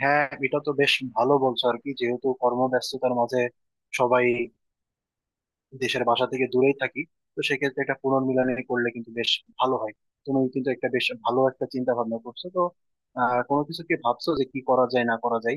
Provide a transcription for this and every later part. হ্যাঁ, এটা তো বেশ ভালো বলছো আর কি। যেহেতু কর্মব্যস্ততার মাঝে সবাই দেশের বাসা থেকে দূরেই থাকি, তো সেক্ষেত্রে একটা পুনর্মিলনী করলে কিন্তু বেশ ভালো হয়। তুমি কিন্তু একটা বেশ ভালো একটা চিন্তা ভাবনা করছো তো। কোনো কিছু কি ভাবছো যে কি করা যায় না করা যায়?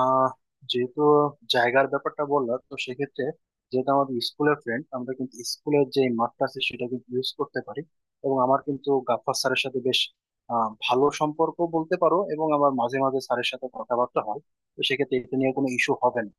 আহ যেহেতু জায়গার ব্যাপারটা বললাম, তো সেক্ষেত্রে যেহেতু আমাদের স্কুলের ফ্রেন্ড, আমরা কিন্তু স্কুলের যে মাঠটা আছে সেটা কিন্তু ইউজ করতে পারি। এবং আমার কিন্তু গাফফার স্যারের সাথে বেশ ভালো সম্পর্ক বলতে পারো, এবং আমার মাঝে মাঝে স্যারের সাথে কথাবার্তা হয়। তো সেক্ষেত্রে এটা নিয়ে কোনো ইস্যু হবে না।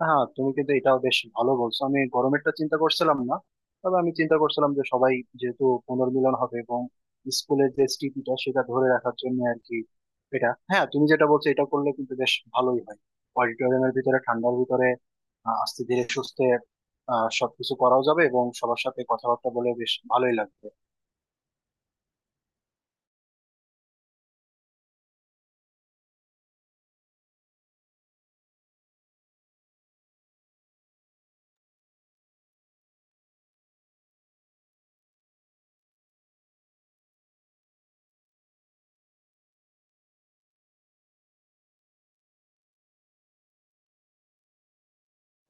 হ্যাঁ, তুমি কিন্তু এটাও বেশ ভালো বলছো, আমি গরমেরটা চিন্তা করছিলাম না। তবে আমি চিন্তা করছিলাম যে সবাই যেহেতু পুনর্মিলন হবে এবং স্কুলের যে স্মৃতিটা সেটা ধরে রাখার জন্য আর কি। এটা হ্যাঁ, তুমি যেটা বলছো এটা করলে কিন্তু বেশ ভালোই হয়। অডিটোরিয়ামের ভিতরে, ঠান্ডার ভিতরে আস্তে ধীরে সুস্থে সবকিছু করাও যাবে, এবং সবার সাথে কথাবার্তা বলে বেশ ভালোই লাগবে।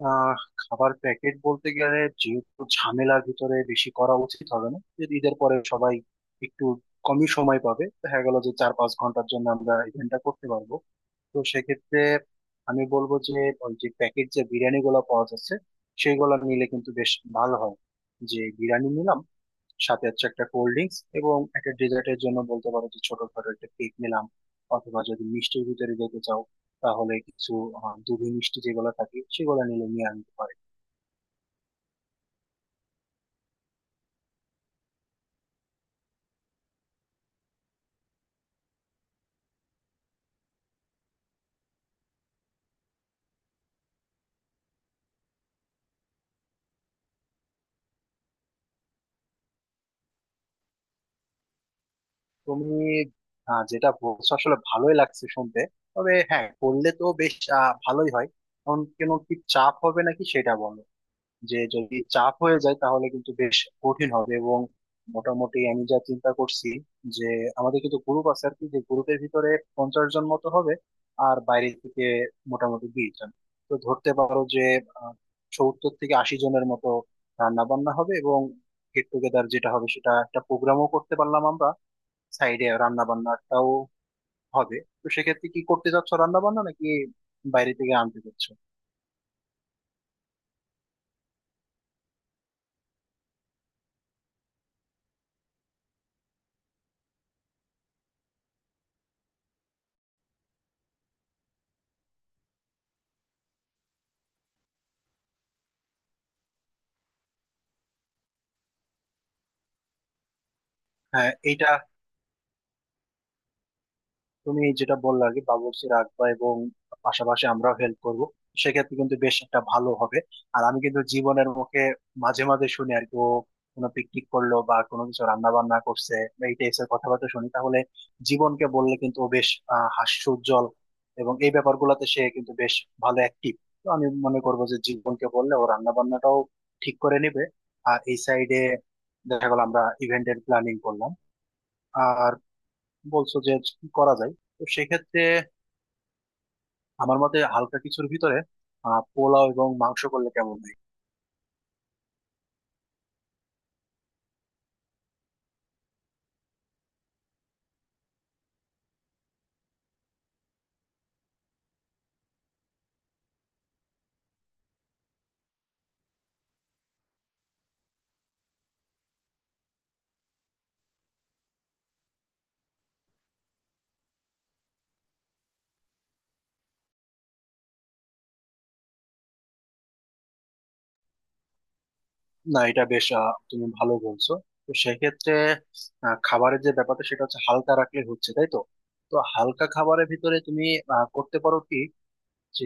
আহ খাবার প্যাকেট বলতে গেলে, যেহেতু ঝামেলার ভিতরে বেশি করা উচিত হবে না, যদি ঈদের পরে সবাই একটু কমই সময় পাবে, দেখা গেল যে 4-5 ঘন্টার জন্য আমরা ইভেন্টটা করতে পারবো। তো সেক্ষেত্রে আমি বলবো যে ওই যে প্যাকেট যে বিরিয়ানি গুলো পাওয়া যাচ্ছে সেগুলো নিলে কিন্তু বেশ ভালো হয়। যে বিরিয়ানি নিলাম, সাথে হচ্ছে একটা কোল্ড ড্রিঙ্কস এবং একটা ডেজার্টের জন্য বলতে পারো যে ছোটখাটো একটা কেক নিলাম। অথবা যদি মিষ্টির ভিতরে যেতে চাও, তাহলে কিছু দুধি মিষ্টি যেগুলো থাকে সেগুলো নিলে নিয়ে আনতে পারে। তুমি যেটা বলছো আসলে ভালোই লাগছে শুনতে। তবে হ্যাঁ, করলে তো বেশ ভালোই হয়। কারণ কেন, কি চাপ হবে নাকি সেটা বলো। যে যদি চাপ হয়ে যায় তাহলে কিন্তু বেশ কঠিন হবে। এবং মোটামুটি আমি যা চিন্তা করছি, যে আমাদের কিন্তু গ্রুপ আছে আর কি, যে গ্রুপের ভিতরে 50 জন মতো হবে। আর বাইরে থেকে মোটামুটি 20 জন। তো ধরতে পারো যে আহ, 70-80 জনের মতো রান্না বান্না হবে। এবং গেট টুগেদার যেটা হবে সেটা একটা প্রোগ্রামও করতে পারলাম আমরা, সাইডে রান্না বান্নাটাও হবে। তো সেক্ষেত্রে কি করতে চাচ্ছ, রান্না বান্না নাকি বাইরে থেকে আনতে চাচ্ছ? হ্যাঁ, এইটা তুমি যেটা বললে আর কি, বাবুর্চি রাখবা এবং পাশাপাশি আমরাও হেল্প করব, সেক্ষেত্রে কিন্তু বেশ একটা ভালো হবে। আর আমি কিন্তু জীবনের মুখে মাঝে মাঝে শুনি আর কি, ও কোনো পিকনিক করলো বা কোনো কিছু রান্না বান্না করছে বা এই টাইপের কথাবার্তা শুনি। তাহলে জীবনকে বললে কিন্তু ও বেশ হাস্যোজ্জ্বল, এবং এই ব্যাপারগুলোতে সে কিন্তু বেশ ভালো অ্যাক্টিভ। তো আমি মনে করবো যে জীবনকে বললে ও রান্না বান্নাটাও ঠিক করে নেবে। আর এই সাইডে দেখা গেল আমরা ইভেন্টের প্ল্যানিং করলাম। আর বলছো যে কি করা যায়, তো সেক্ষেত্রে আমার মতে হালকা কিছুর ভিতরে পোলাও এবং মাংস করলে কেমন হয়? না, এটা বেশ, তুমি ভালো বলছো। তো সেক্ষেত্রে খাবারের যে ব্যাপারটা সেটা হচ্ছে হালকা রাখলে হচ্ছে, তাই তো। তো হালকা খাবারের ভিতরে তুমি করতে পারো কি, যে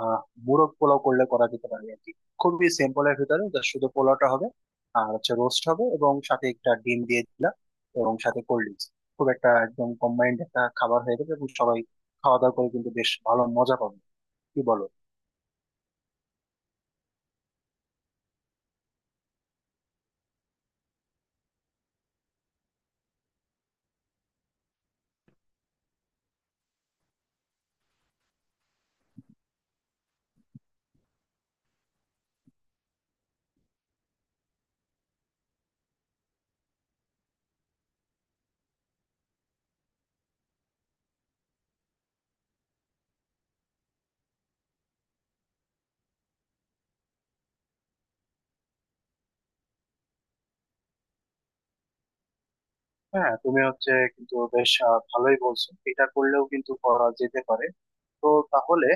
আহ, মোরগ পোলাও করলে করা যেতে পারে আর কি। খুবই সিম্পল এর ভিতরে যা শুধু পোলাওটা হবে, আর হচ্ছে রোস্ট হবে এবং সাথে একটা ডিম দিয়ে দিলাম, এবং সাথে কোল্ড ড্রিঙ্কস। খুব একটা একদম কম্বাইন্ড একটা খাবার হয়ে যাবে, এবং সবাই খাওয়া দাওয়া করে কিন্তু বেশ ভালো মজা পাবে। কি বলো? হ্যাঁ, তুমি হচ্ছে কিন্তু বেশ ভালোই বলছো, এটা করলেও কিন্তু করা যেতে পারে। তো তাহলে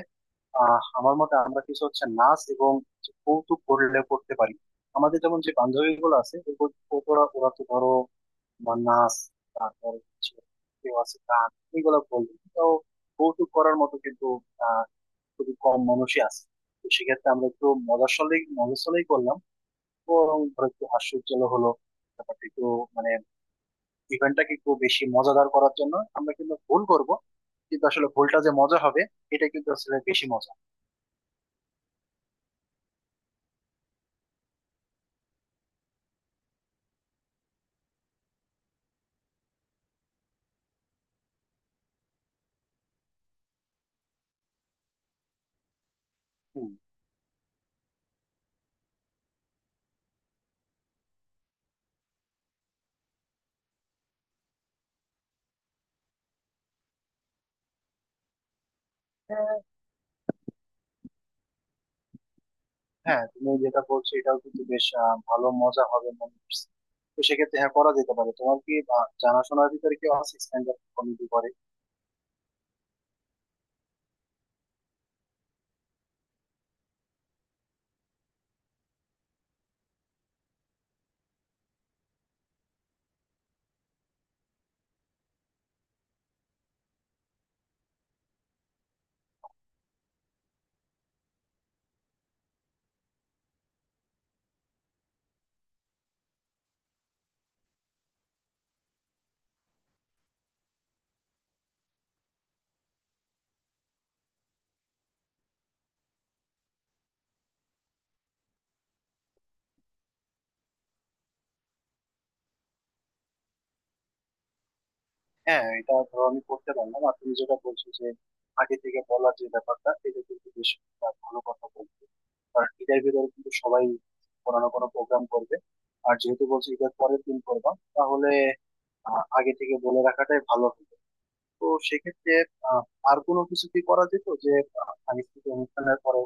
আমার মতে আমরা কিছু হচ্ছে নাচ এবং কৌতুক করলে করতে পারি। আমাদের যেমন যে বান্ধবী গুলো আছে, ওরা ওরা তো ধরো, তোমার নাচ, তারপর হচ্ছে কেউ আছে গান, এগুলো বলি তো। কৌতুক করার মতো কিন্তু আহ খুবই কম মানুষই আছে। তো সেক্ষেত্রে আমরা একটু মজাশালেই মজাশালেই করলাম, তো ধরো একটু হাস্যোজ্জ্বল হলো ব্যাপারটা একটু, মানে ইভেন্টটাকে একটু বেশি মজাদার করার জন্য আমরা কিন্তু ভুল করব। কিন্তু আসলে ভুলটা যে মজা হবে, এটা কিন্তু আসলে বেশি মজা। হম হ্যাঁ, তুমি যেটা বলছো এটাও কিন্তু বেশ ভালো মজা হবে মনে হচ্ছে। তো সেক্ষেত্রে হ্যাঁ, করা যেতে পারে। তোমার কি জানাশোনার ভিতরে কেউ আছে স্ট্যান্ড আপ কমেডি করে? হ্যাঁ, এটা ধরো আমি করতে পারলাম। আর তুমি যেটা বলছো যে আগে থেকে বলার যে ব্যাপারটা, এটা কিন্তু বেশ একটা ভালো কথা বলছো। কারণ ঈদের ভিতরে কিন্তু সবাই কোনো না কোনো প্রোগ্রাম করবে। আর যেহেতু বলছো ঈদের পরের দিন করবা, তাহলে আগে থেকে বলে রাখাটাই ভালো। তো সেক্ষেত্রে আহ, আর কোনো কিছু কি করা যেত, যে সাংস্কৃতিক অনুষ্ঠানের পরে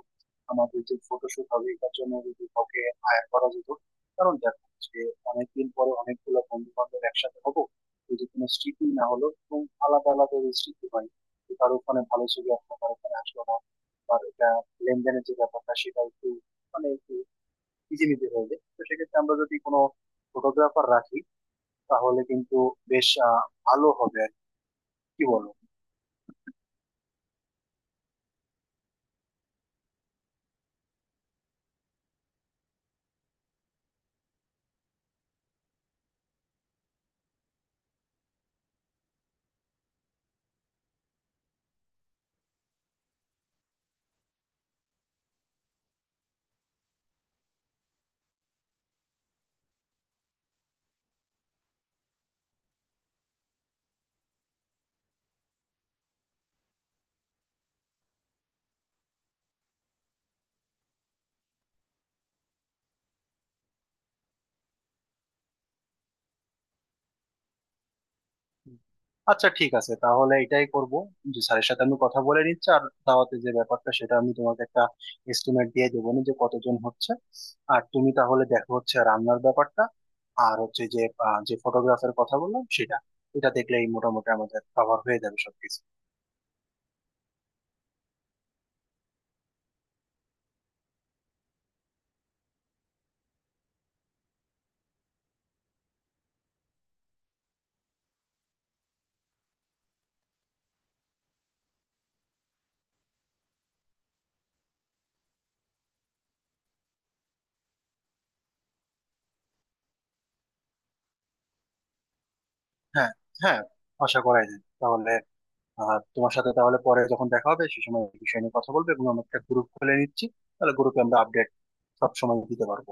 আমাদের যে ফটোশুট হবে এটার জন্য যদি কাউকে hire করা যেত। কারণ দেখো যে অনেকদিন পরে অনেকগুলো বন্ধু বান্ধব একসাথে হবো, যদি কোনো স্মৃতি না হলো, এবং আলাদা আলাদা যে স্মৃতি হয়, যে কারো ওখানে ভালো ছবি আসলো কারো ওখানে আসলো না, বা এটা লেনদেনের যে ব্যাপারটা সেটা একটু মানে একটু ইজিমিজি হয়ে যায়। তো সেক্ষেত্রে আমরা যদি কোনো ফটোগ্রাফার রাখি, তাহলে কিন্তু বেশ ভালো হবে আর কি। কি বলো? আচ্ছা, ঠিক আছে, তাহলে এটাই করব। যে স্যারের সাথে আমি কথা বলে নিচ্ছি, আর দাওয়াতে যে ব্যাপারটা সেটা আমি তোমাকে একটা এস্টিমেট দিয়ে দেবো না, যে কতজন হচ্ছে। আর তুমি তাহলে দেখো হচ্ছে রান্নার ব্যাপারটা। আর হচ্ছে যে যে ফটোগ্রাফের কথা বললাম সেটা, এটা দেখলেই মোটামুটি আমাদের কভার হয়ে যাবে সবকিছু। হ্যাঁ, হ্যাঁ, আশা করাই যায় তাহলে। তোমার সাথে তাহলে পরে যখন দেখা হবে সে সময় এই বিষয় নিয়ে কথা বলবে, এবং আমরা একটা গ্রুপ খুলে নিচ্ছি, তাহলে গ্রুপে আমরা আপডেট সব সময় দিতে পারবো।